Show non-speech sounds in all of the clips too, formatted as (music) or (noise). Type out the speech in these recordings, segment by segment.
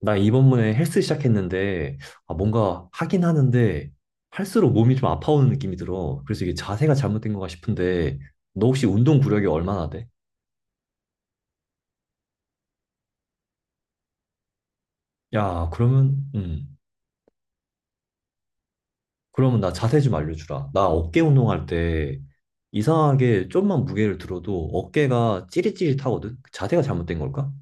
나 이번에 헬스 시작했는데, 뭔가 하긴 하는데, 할수록 몸이 좀 아파오는 느낌이 들어. 그래서 이게 자세가 잘못된 건가 싶은데, 너 혹시 운동 구력이 얼마나 돼? 야, 그러면 나 자세 좀 알려주라. 나 어깨 운동할 때, 이상하게 좀만 무게를 들어도 어깨가 찌릿찌릿하거든? 그 자세가 잘못된 걸까?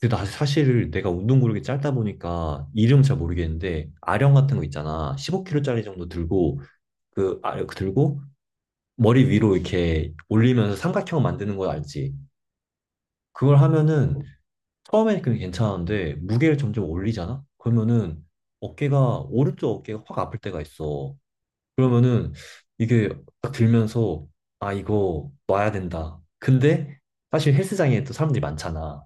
근데 나 사실 내가 운동 구력이 짧다 보니까 이름 잘 모르겠는데, 아령 같은 거 있잖아. 15kg짜리 정도 들고, 그 들고, 머리 위로 이렇게 올리면서 삼각형 만드는 거 알지? 그걸 하면은 처음에는 그게 괜찮은데 무게를 점점 올리잖아? 그러면은 어깨가, 오른쪽 어깨가 확 아플 때가 있어. 그러면은 이게 딱 들면서 아, 이거 놔야 된다. 근데 사실 헬스장에 또 사람들이 많잖아.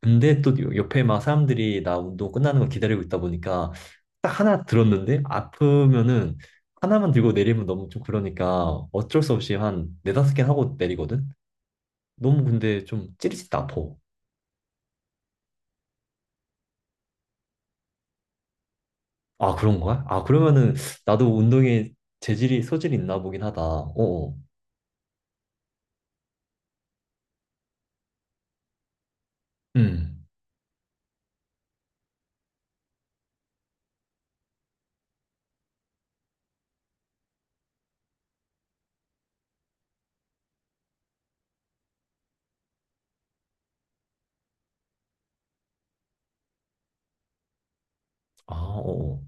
근데 또 옆에 막 사람들이 나 운동 끝나는 걸 기다리고 있다 보니까 딱 하나 들었는데 아프면은 하나만 들고 내리면 너무 좀 그러니까 어쩔 수 없이 한 네다섯 개 하고 내리거든? 너무 근데 좀 찌릿찌릿 아파. 아, 그런 거야? 아, 그러면은 나도 운동에 재질이 소질이 있나 보긴 하다. 어어. 음. 아, 어어.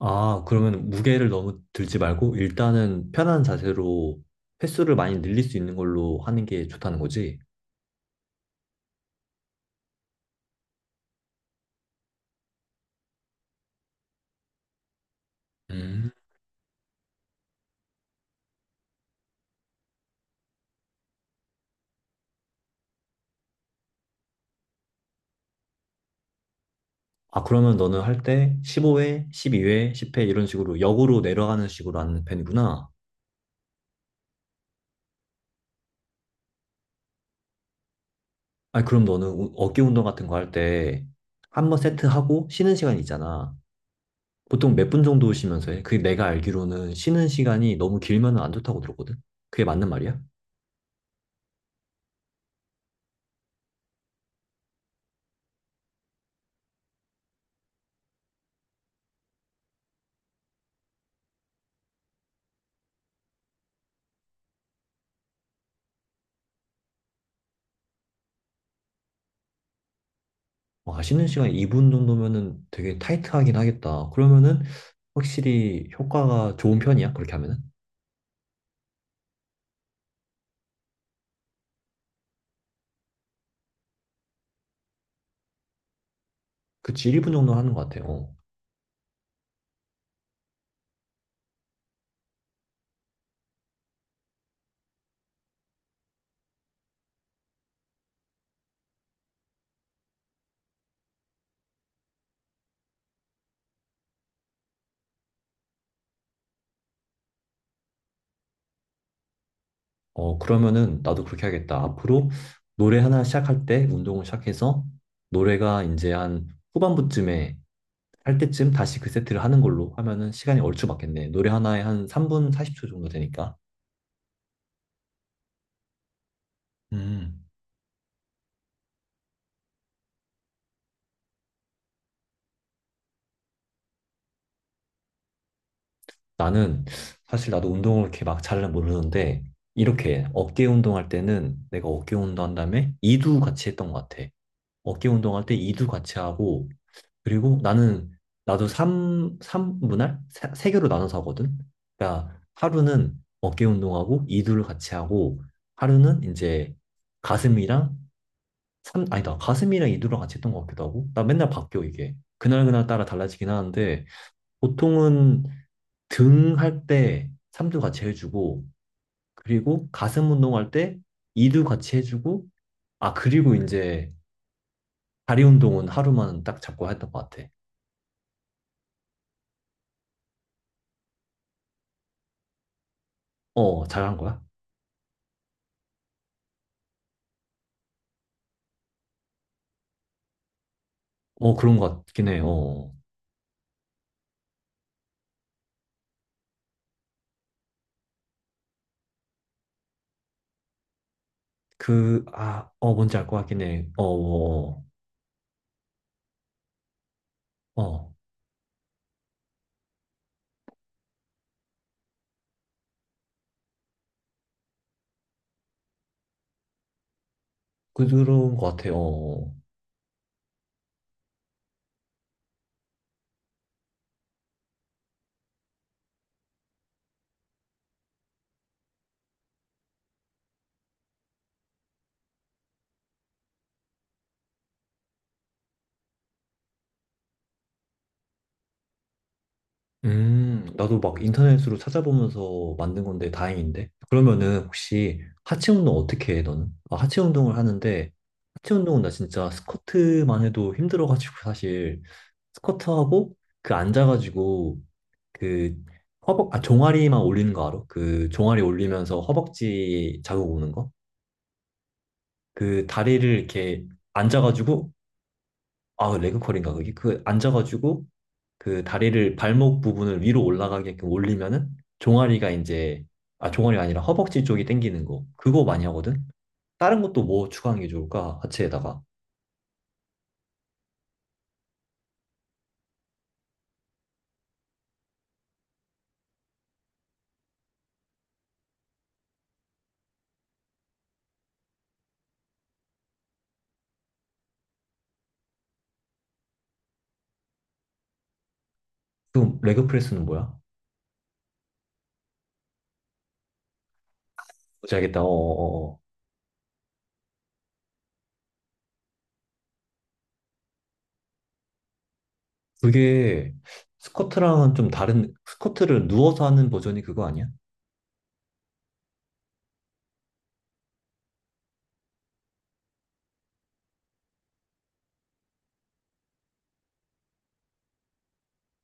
아, 그러면 무게를 너무 들지 말고 일단은 편한 자세로 횟수를 많이 늘릴 수 있는 걸로 하는 게 좋다는 거지. 음. 아, 그러면 너는 할 때 15회, 12회, 10회 이런 식으로 역으로 내려가는 식으로 하는 편이구나. 아니, 그럼 너는 어깨 운동 같은 거 할 때 한 번 세트하고 쉬는 시간이 있잖아. 보통 몇 분 정도 쉬면서 해? 그게 내가 알기로는 쉬는 시간이 너무 길면은 안 좋다고 들었거든? 그게 맞는 말이야? 와, 쉬는 시간이 2분 정도면은 되게 타이트하긴 하겠다. 그러면은 확실히 효과가 좋은 편이야? 그렇게 하면은? 그치, 1분 정도 하는 것 같아. 어, 어, 그러면은 나도 그렇게 하겠다. 앞으로 노래 하나 시작할 때 운동을 시작해서 노래가 이제 한 후반부쯤에 할 때쯤 다시 그 세트를 하는 걸로 하면은 시간이 얼추 맞겠네. 노래 하나에 한 3분 40초 정도 되니까. 음. 나는 사실 나도 운동을 이렇게 막 잘은 모르는데 이렇게 어깨 운동할 때는 내가 어깨 운동한 다음에 이두 같이 했던 것 같아. 어깨 운동할 때 이두 같이 하고 그리고 나는 나도 삼삼분할세 개로 나눠서 하거든. 그러니까 하루는 어깨 운동하고 이두를 같이 하고 하루는 이제 가슴이랑 삼 아니다 가슴이랑 이두랑 같이 했던 것 같기도 하고 나 맨날 바뀌어 이게 그날그날 따라 달라지긴 하는데 보통은 등 할 때 삼두 같이 해주고, 그리고 가슴 운동할 때 이두 같이 해주고, 아, 그리고 이제 다리 운동은 하루만 딱 잡고 했던 것 같아. 어, 잘한 거야? 어, 그런 것 같긴 해. 어, 뭔지 알 것 같긴 해. 어, 어, 어, 어. 그런 것 같아. 어. 어. 나도 막 인터넷으로 찾아보면서 만든 건데 다행인데. 그러면은 혹시 하체 운동 어떻게 해, 너는? 아, 하체 운동을 하는데, 하체 운동은 나 진짜 스쿼트만 해도 힘들어가지고 (laughs) 사실 스쿼트하고 그 앉아가지고 그 종아리만 올리는 거 알아? 그 종아리 올리면서 허벅지 자국 오는 거? 그 다리를 이렇게 앉아가지고, 아, 레그 컬인가 그게? 그 앉아가지고 그 다리를 발목 부분을 위로 올라가게끔 올리면은 종아리가 이제 아 종아리가 아니라 허벅지 쪽이 당기는 거 그거 많이 하거든. 다른 것도 뭐 추가하는 게 좋을까? 하체에다가. 그럼 레그 프레스는 뭐야? 뭔지 알겠다. 어어어. 그게 스쿼트랑은 좀 다른 스쿼트를 누워서 하는 버전이 그거 아니야?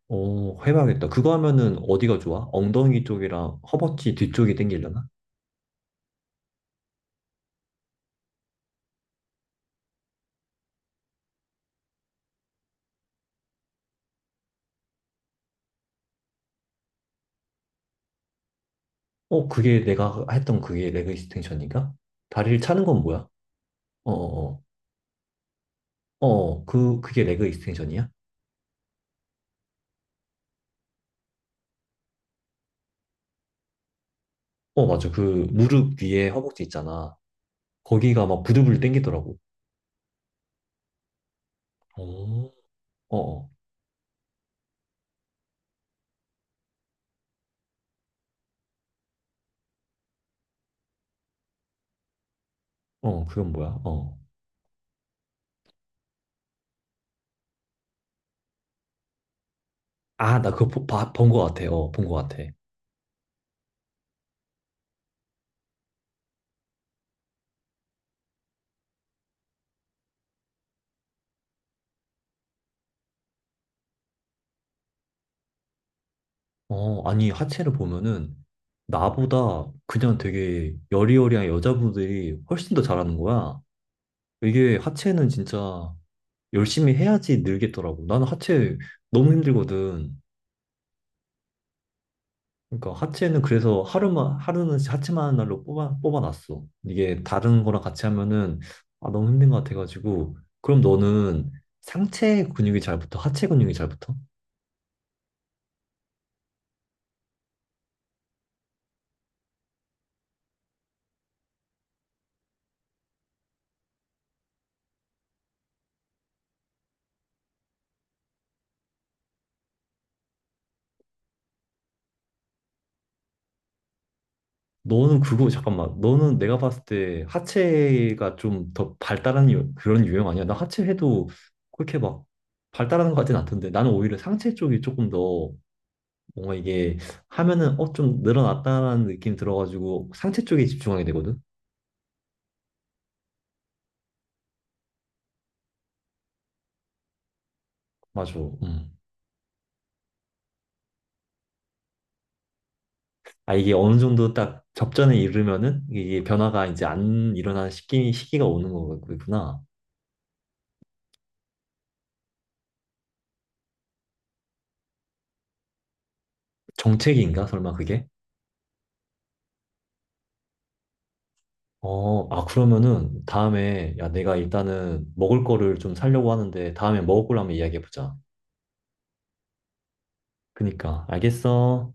어, 해봐야겠다. 그거 하면은 어디가 좋아? 엉덩이 쪽이랑 허벅지 뒤쪽이 당기려나? 어, 그게 내가 했던 그게 레그 익스텐션인가? 다리를 차는 건 뭐야? 어어어. 어, 그게 레그 익스텐션이야? 어, 맞아. 그 무릎 위에 허벅지 있잖아. 거기가 막 부들부들 땡기더라고. 어, 어, 어, 어, 그건 뭐야? 어. 아, 나 그거 본 거 같아. 어, 본 거 같아. 어, 아니, 하체를 보면은 나보다 그냥 되게 여리여리한 여자분들이 훨씬 더 잘하는 거야. 이게 하체는 진짜 열심히 해야지 늘겠더라고. 나는 하체 너무 힘들거든. 그러니까 하체는 그래서 하루만 하루는 하체만 하는 날로 뽑아놨어. 이게 다른 거랑 같이 하면은 아 너무 힘든 것 같아가지고 그럼 너는 상체 근육이 잘 붙어? 하체 근육이 잘 붙어? 너는 그거 잠깐만 너는 내가 봤을 때 하체가 좀 더 발달한 그런 유형 아니야? 나 하체 해도 그렇게 막 발달하는 것 같진 않던데 나는 오히려 상체 쪽이 조금 더 뭔가 이게 하면은 어 좀 늘어났다라는 느낌이 들어가지고 상체 쪽에 집중하게 되거든. 맞아. 음. 아, 이게 어느 정도 딱 접전에 이르면은 이게 변화가 이제 안 일어나는 시기가 오는 거구나. 정책인가? 설마 그게? 어, 아, 그러면은 다음에, 야, 내가 일단은 먹을 거를 좀 사려고 하는데 다음에 먹을 걸로 한번 이야기해보자. 그니까, 알겠어.